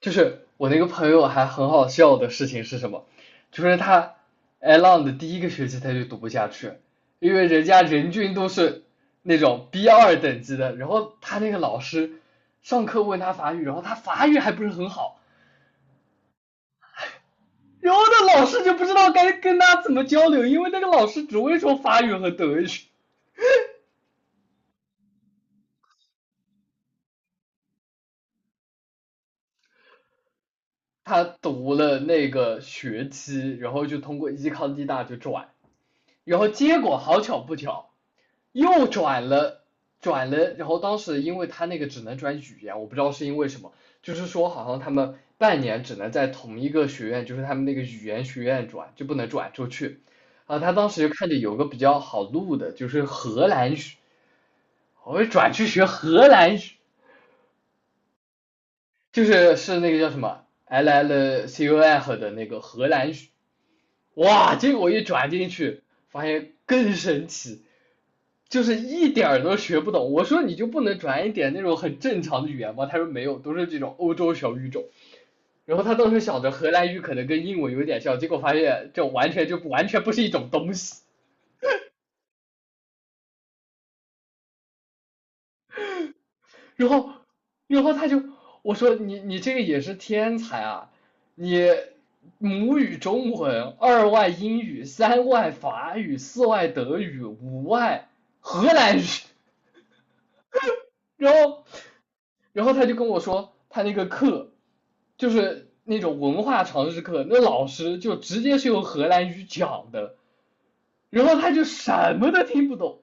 就是我那个朋友还很好笑的事情是什么？就是他 a l o n 的第一个学期他就读不下去，因为人家人均都是那种 B 二等级的，然后他那个老师上课问他法语，然后他法语还不是很好，然后那老师就不知道该跟他怎么交流，因为那个老师只会说法语和德语。他读了那个学期，然后就通过依康地大就转，然后结果好巧不巧，又转了，然后当时因为他那个只能转语言，我不知道是因为什么，就是说好像他们半年只能在同一个学院，就是他们那个语言学院转，就不能转出去。啊，他当时就看着有个比较好录的，就是荷兰语，我就转去学荷兰语，就是那个叫什么 L L C U F 的那个荷兰语。哇，结果一转进去，发现更神奇。就是一点儿都学不懂。我说你就不能转一点那种很正常的语言吗？他说没有，都是这种欧洲小语种。然后他当时想着荷兰语可能跟英文有点像，结果发现这完全就完全不是一种东西。然后，然后他就我说你这个也是天才啊，你母语中文，二外英语，三外法语，四外德语，五外荷兰语。然后，然后他就跟我说，他那个课就是那种文化常识课，那老师就直接是用荷兰语讲的，然后他就什么都听不懂。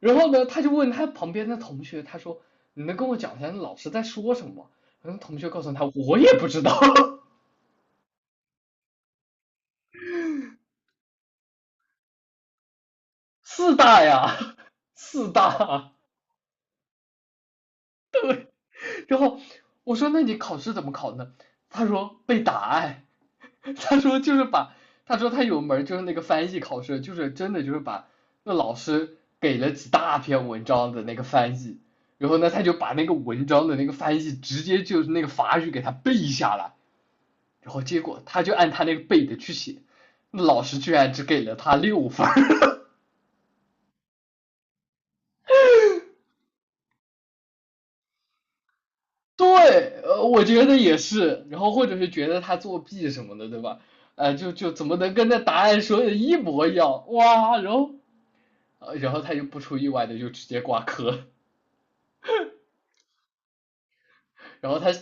然后呢，他就问他旁边的同学，他说：“你能跟我讲一下那老师在说什么吗？”然后同学告诉他：“我也不知道，四大呀，四大。”然后我说那你考试怎么考呢？他说背答案。他说就是把，他说他有门就是那个翻译考试，就是真的就是把那老师给了几大篇文章的那个翻译，然后呢他就把那个文章的那个翻译直接就是那个法语给他背下来，然后结果他就按他那个背的去写，那老师居然只给了他六分。 对，我觉得也是，然后或者是觉得他作弊什么的，对吧？就怎么能跟那答案说的一模一样？哇，然后然后他就不出意外的就直接挂科。然后他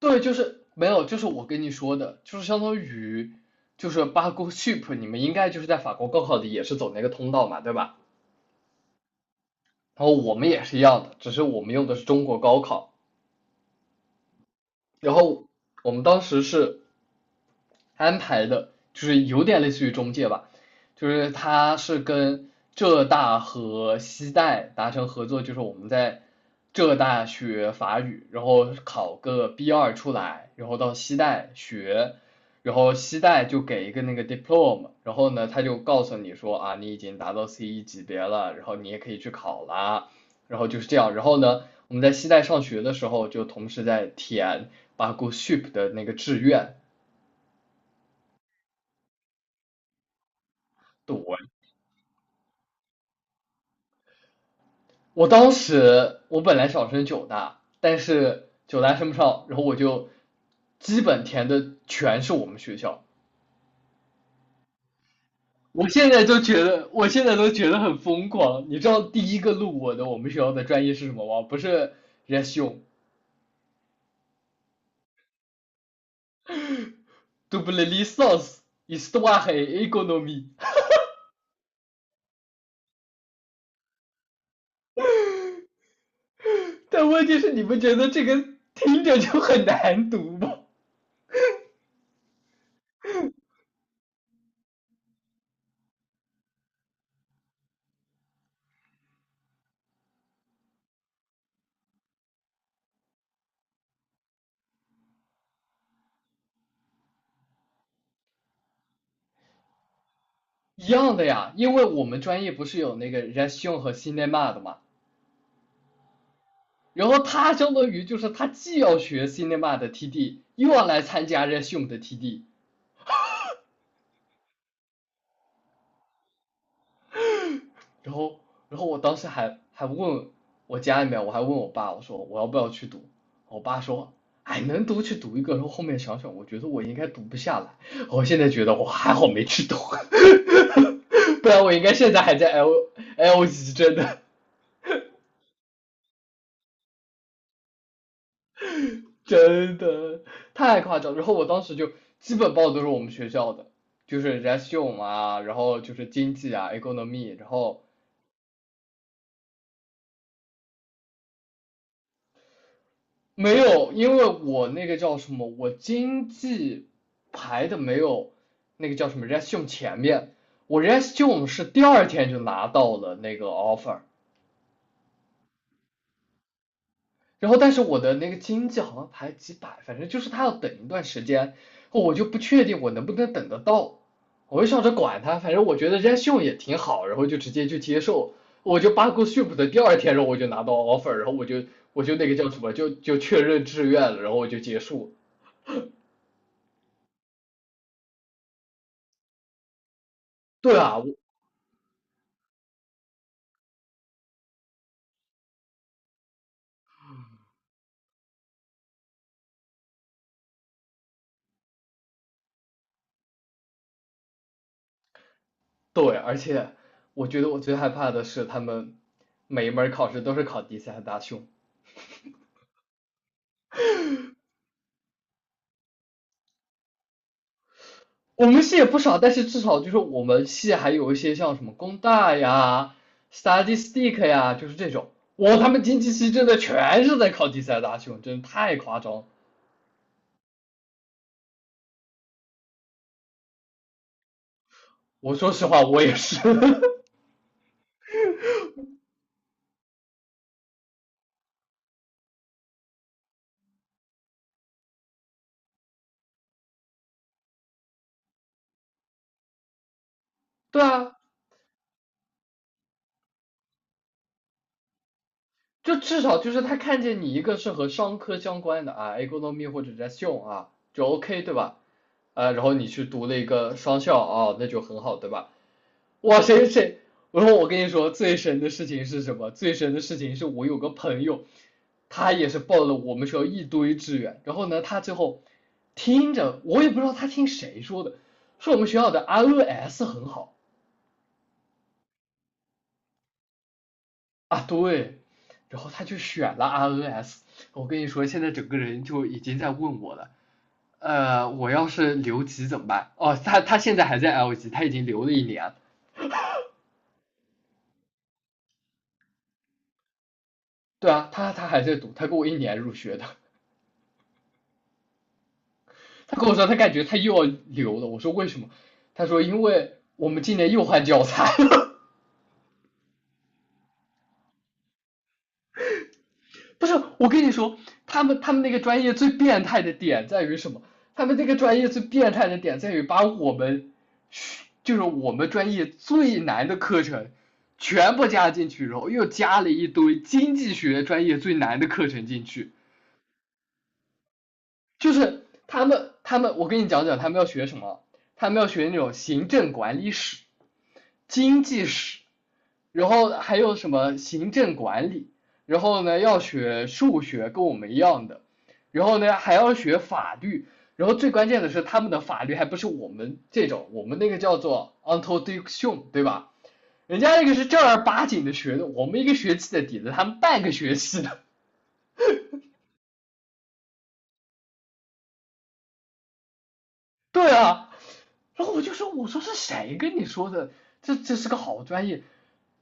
对，就是没有，就是我跟你说的，就是相当于就是八股 ship，你们应该就是在法国高考里也是走那个通道嘛，对吧？然后我们也是一样的，只是我们用的是中国高考。然后我们当时是安排的，就是有点类似于中介吧，就是他是跟浙大和西大达成合作，就是我们在浙大学法语，然后考个 B 二出来，然后到西大学，然后西大就给一个那个 diploma，然后呢他就告诉你说啊，你已经达到 C 一级别了，然后你也可以去考啦。然后就是这样。然后呢，我们在西带上学的时候，就同时在填巴股 s h i p 的那个志愿。对，我当时我本来想申九大，但是九大申不上，然后我就基本填的全是我们学校。我现在都觉得很疯狂。你知道第一个录我的我们学校的专业是什么吗？不是 r e s u m， double licence histoire et économie。但问题是，你不觉得这个听着就很难读吗？一样的呀，因为我们专业不是有那个 r e s i o n 和 cinema 的嘛，然后他相当于就是他既要学 cinema 的 TD，又要来参加 r e s i o n 的 TD。然后然后我当时还问我家里面，我还问我爸，我说我要不要去读，我爸说。哎，能读去读一个，然后后面想想，我觉得我应该读不下来。我现在觉得我还好没去读。不然我应该现在还在 L L g， 真的。真的太夸张。然后我当时就基本报的都是我们学校的，就是 r e s u m e 啊，然后就是经济啊，economy。然后没有，因为我那个叫什么，我经济排的没有那个叫什么 r e s u m e 前面，我 r e s u m e 是第二天就拿到了那个 offer，然后但是我的那个经济好像排几百，反正就是他要等一段时间，我就不确定我能不能等得到，我就想着管他，反正我觉得人家秀也挺好，然后就直接就接受，我就八股 ship 的第二天，然后我就拿到 offer，然后我就那个叫什么，就确认志愿了，然后我就结束。对啊，我对，而且我觉得我最害怕的是他们每一门考试都是考第三大凶。我们系也不少，但是至少就是我们系还有一些像什么工大呀、s t u d y s t i c k 呀，就是这种。我他们经济系真的全是在考第三大修，真的太夸张。我说实话，我也是。对啊，就至少就是他看见你一个是和商科相关的啊，economy 或者 gestion 啊，就 OK 对吧？然后你去读了一个商校啊，那就很好对吧？哇，谁？我说我跟你说，最神的事情是什么？最神的事情是我有个朋友，他也是报了我们学校一堆志愿，然后呢，他最后听着我也不知道他听谁说的，说我们学校的 RNS 很好啊，对，然后他就选了 RNS。我跟你说，现在整个人就已经在问我了。我要是留级怎么办？哦，他现在还在 L 级，他已经留了一年。对啊，他还在读，他跟我一年入学的。他跟我说他感觉他又要留了，我说为什么？他说因为我们今年又换教材了。不是，我跟你说，他们那个专业最变态的点在于什么？他们这个专业最变态的点在于把我们就是我们专业最难的课程全部加进去，然后又加了一堆经济学专业最难的课程进去。就是他们，我跟你讲他们要学什么，他们要学那种行政管理史、经济史，然后还有什么行政管理，然后呢要学数学，跟我们一样的，然后呢还要学法律，然后最关键的是他们的法律还不是我们这种，我们那个叫做 o n t o d i c t i o n 对吧？人家那个是正儿八经的学的，我们一个学期的底子，他们半个学期的。对啊，然后我就说，我说是谁跟你说的？这是个好专业。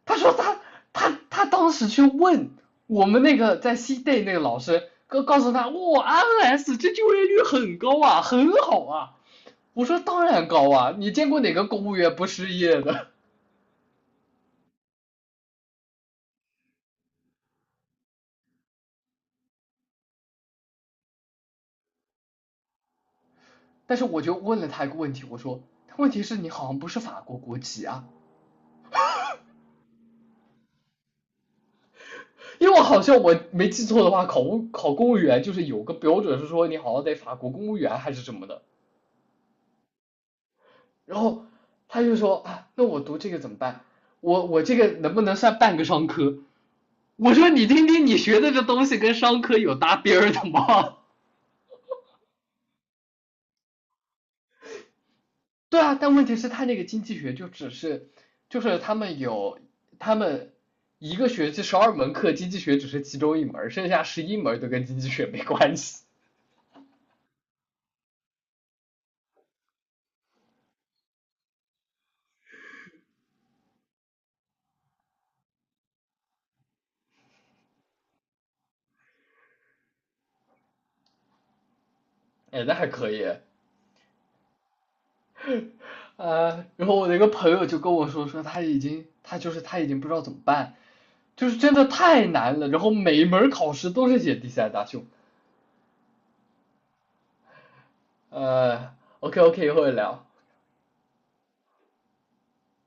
他说他当时去问我们那个在西 day 那个老师，告诉他，哇 r s 这就业率很高啊，很好啊。我说当然高啊，你见过哪个公务员不失业的？但是我就问了他一个问题，我说，问题是你好像不是法国国籍啊，因为我好像我没记错的话，考公务员就是有个标准是说你好像得法国公务员还是什么的。然后他就说啊，那我读这个怎么办？我这个能不能算半个商科？我说你听听，你学的这东西跟商科有搭边儿的吗？对啊，但问题是，他那个经济学就只是，就是他们有他们一个学期12门课，经济学只是其中一门剩下11门都跟经济学没关系。哎，那还可以啊。然后我的一个朋友就跟我说，说他已经他就是他已经不知道怎么办，就是真的太难了，然后每一门考试都是写第三大胸。呃，OK OK，一会儿聊。